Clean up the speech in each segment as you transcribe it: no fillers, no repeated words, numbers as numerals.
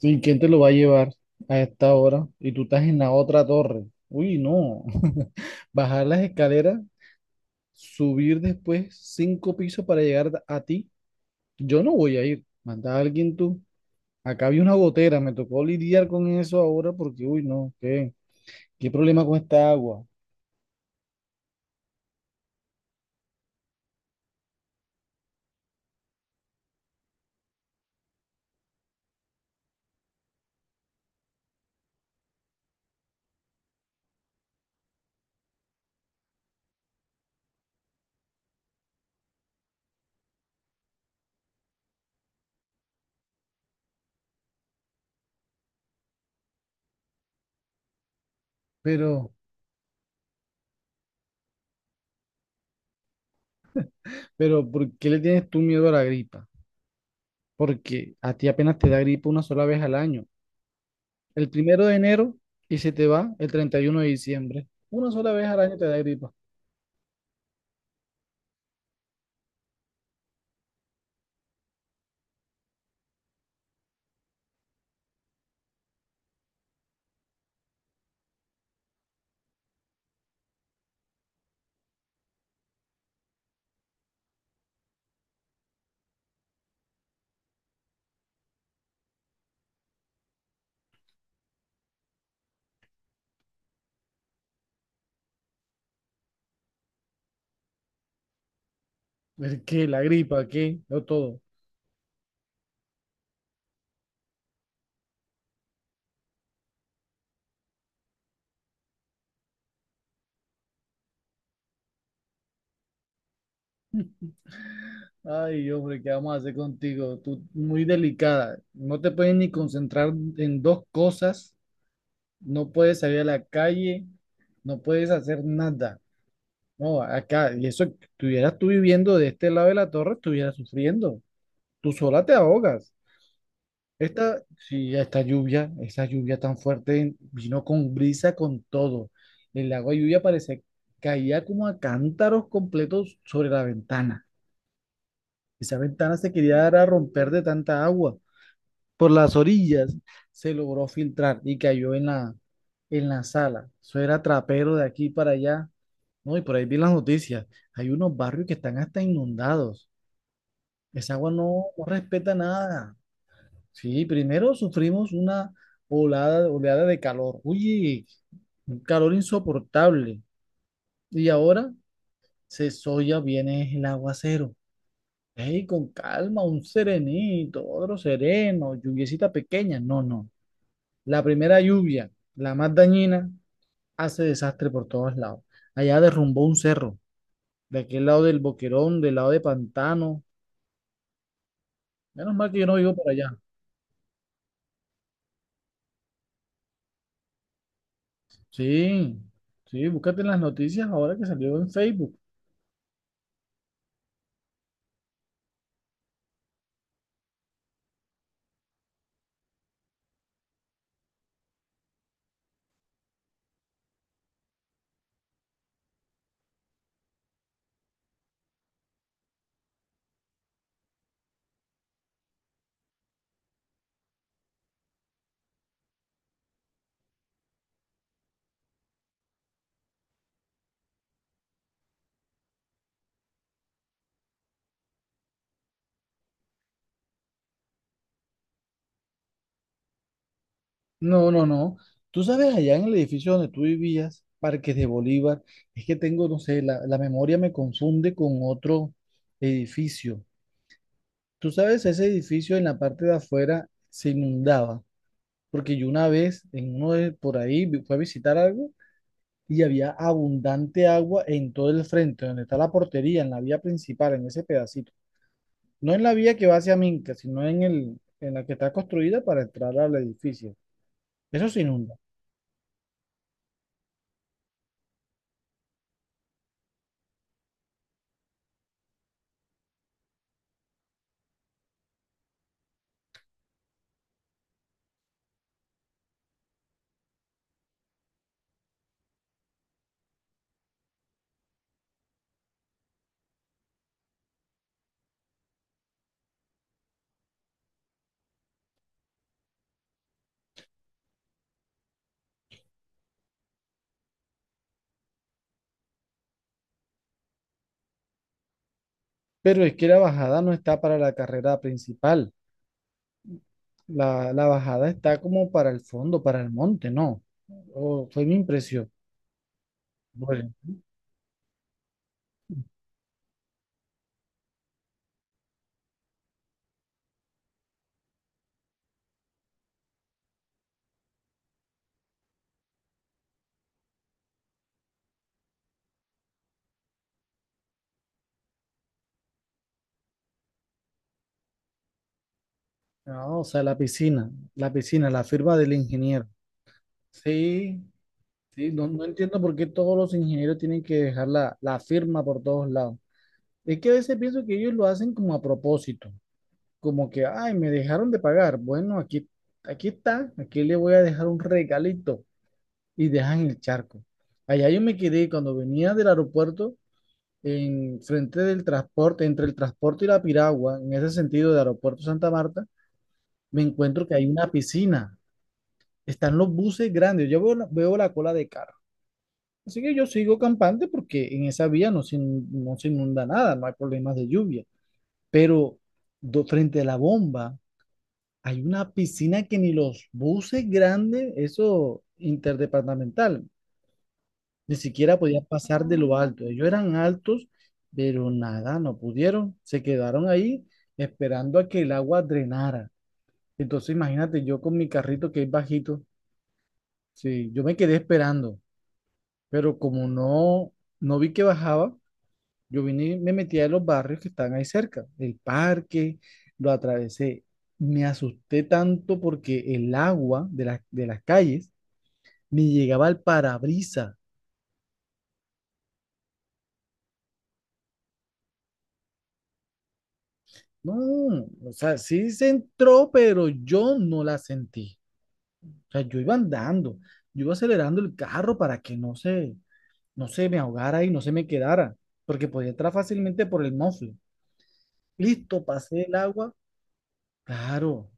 Sí, ¿quién te lo va a llevar a esta hora? Y tú estás en la otra torre. Uy, no. Bajar las escaleras, subir después cinco pisos para llegar a ti. Yo no voy a ir. Manda a alguien tú. Acá había una gotera. Me tocó lidiar con eso ahora porque, uy, no, ¿qué? ¿Qué problema con esta agua? Pero, pero, ¿por qué le tienes tú miedo a la gripa? Porque a ti apenas te da gripa una sola vez al año. El primero de enero y se te va el 31 de diciembre. Una sola vez al año te da gripa. ¿El qué? ¿La gripa? ¿Qué? No todo. Ay, hombre, ¿qué vamos a hacer contigo? Tú muy delicada. No te puedes ni concentrar en dos cosas. No puedes salir a la calle. No puedes hacer nada. No, acá. Y eso, si estuvieras tú viviendo de este lado de la torre, estuvieras sufriendo. Tú sola te ahogas. Esta, sí, esta lluvia, esa lluvia tan fuerte, vino con brisa, con todo. El agua de lluvia parece caía como a cántaros completos sobre la ventana. Esa ventana se quería dar a romper de tanta agua. Por las orillas se logró filtrar y cayó en la sala. Eso era trapero de aquí para allá. No, y por ahí vi las noticias. Hay unos barrios que están hasta inundados. Esa agua no, no respeta nada. Sí, primero sufrimos una oleada de calor. Uy, un calor insoportable. Y ahora se soya viene el aguacero. Ey, con calma, un serenito, otro sereno, lluviecita pequeña. No, no. La primera lluvia, la más dañina, hace desastre por todos lados. Allá derrumbó un cerro, de aquel lado del Boquerón, del lado de Pantano. Menos mal que yo no vivo por allá. Sí, sí, búscate en las noticias ahora que salió en Facebook. No, no, no. Tú sabes, allá en el edificio donde tú vivías, Parques de Bolívar, es que tengo, no sé, la memoria me confunde con otro edificio. Tú sabes, ese edificio en la parte de afuera se inundaba, porque yo una vez en uno de por ahí fui a visitar algo y había abundante agua en todo el frente, donde está la portería, en la vía principal, en ese pedacito. No en la vía que va hacia Minca, sino en la que está construida para entrar al edificio. Eso se inunda. Pero es que la bajada no está para la carrera principal. La bajada está como para el fondo, para el monte, ¿no? O fue mi impresión. Bueno, no, o sea, la piscina, la firma del ingeniero. Sí, sí, no, no entiendo por qué todos los ingenieros tienen que dejar la firma por todos lados. Es que a veces pienso que ellos lo hacen como a propósito, como que, ay, me dejaron de pagar. Bueno, aquí está, aquí le voy a dejar un regalito y dejan el charco. Allá yo me quedé cuando venía del aeropuerto, en frente del transporte, entre el transporte y la piragua, en ese sentido de Aeropuerto Santa Marta, me encuentro que hay una piscina. Están los buses grandes. Yo veo, veo la cola de carro. Así que yo sigo campante porque en esa vía no se inunda nada, no hay problemas de lluvia. Pero frente a la bomba hay una piscina que ni los buses grandes, eso interdepartamental, ni siquiera podían pasar de lo alto. Ellos eran altos, pero nada, no pudieron. Se quedaron ahí esperando a que el agua drenara. Entonces imagínate yo con mi carrito que es bajito, sí, yo me quedé esperando, pero como no, no vi que bajaba, yo vine y me metí a los barrios que están ahí cerca, el parque, lo atravesé. Me asusté tanto porque las de las calles me llegaba al parabrisas. No, o sea, sí se entró, pero yo no la sentí. O sea, yo iba andando, yo iba acelerando el carro para que no se me ahogara y no se me quedara, porque podía entrar fácilmente por el mofle. Listo, pasé el agua. Claro,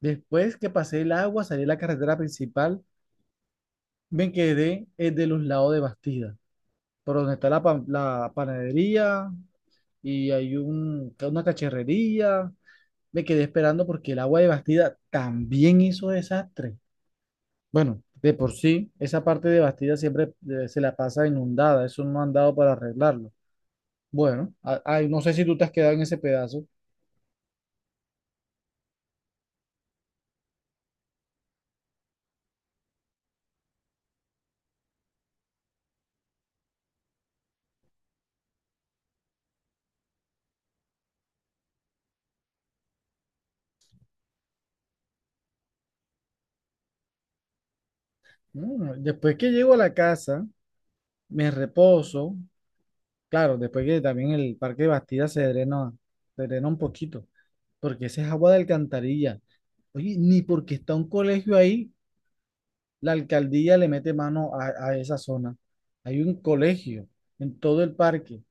después que pasé el agua, salí a la carretera principal, me quedé de los lados de Bastida, por donde está la panadería y hay una cacharrería. Me quedé esperando porque el agua de Bastida también hizo desastre. Bueno, de por sí, esa parte de Bastida siempre se la pasa inundada, eso no han dado para arreglarlo. Bueno, ay, no sé si tú te has quedado en ese pedazo. Mm, después que llego a la casa, me reposo. Claro, después que también el parque de Bastida se drena un poquito, porque esa es agua de alcantarilla. Oye, ni porque está un colegio ahí, la alcaldía le mete mano a esa zona. Hay un colegio en todo el parque.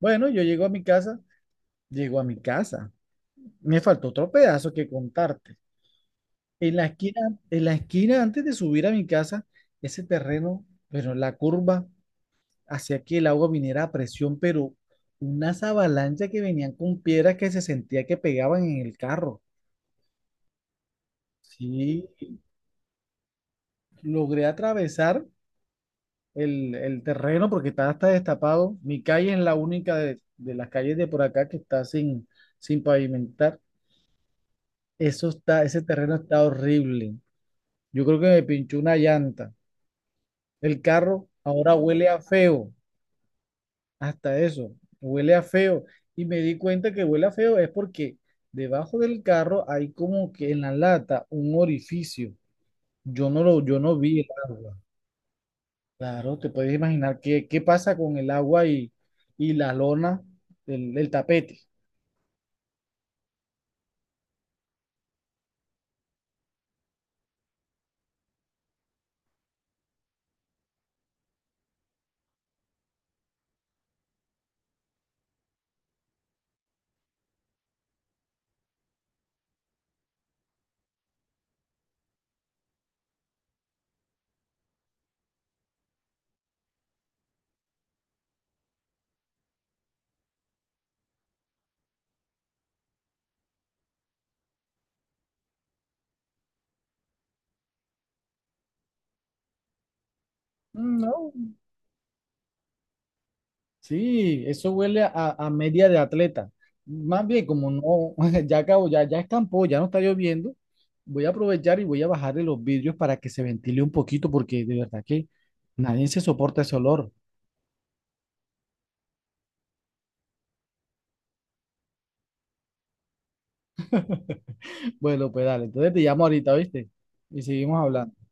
Bueno, yo llego a mi casa, llego a mi casa. Me faltó otro pedazo que contarte. En la esquina, en la esquina antes de subir a mi casa, ese terreno, pero la curva hacía que el agua viniera a presión, pero unas avalanchas que venían con piedras que se sentía que pegaban en el carro. Sí, logré atravesar el terreno porque está hasta destapado. Mi calle es la única de las calles de por acá que está sin pavimentar. Eso está, ese terreno está horrible. Yo creo que me pinchó una llanta. El carro ahora huele a feo. Hasta eso, huele a feo. Y me di cuenta que huele a feo es porque debajo del carro hay como que en la lata un orificio. Yo no vi el agua. Claro, te puedes imaginar qué pasa con el agua y la lona, el tapete. Mm, no, sí, eso huele a media de atleta. Más bien, como no, ya acabo, ya escampó, ya no está lloviendo, voy a aprovechar y voy a bajarle los vidrios para que se ventile un poquito, porque de verdad que nadie se soporta ese olor. Bueno, pues dale, entonces te llamo ahorita, ¿viste? Y seguimos hablando.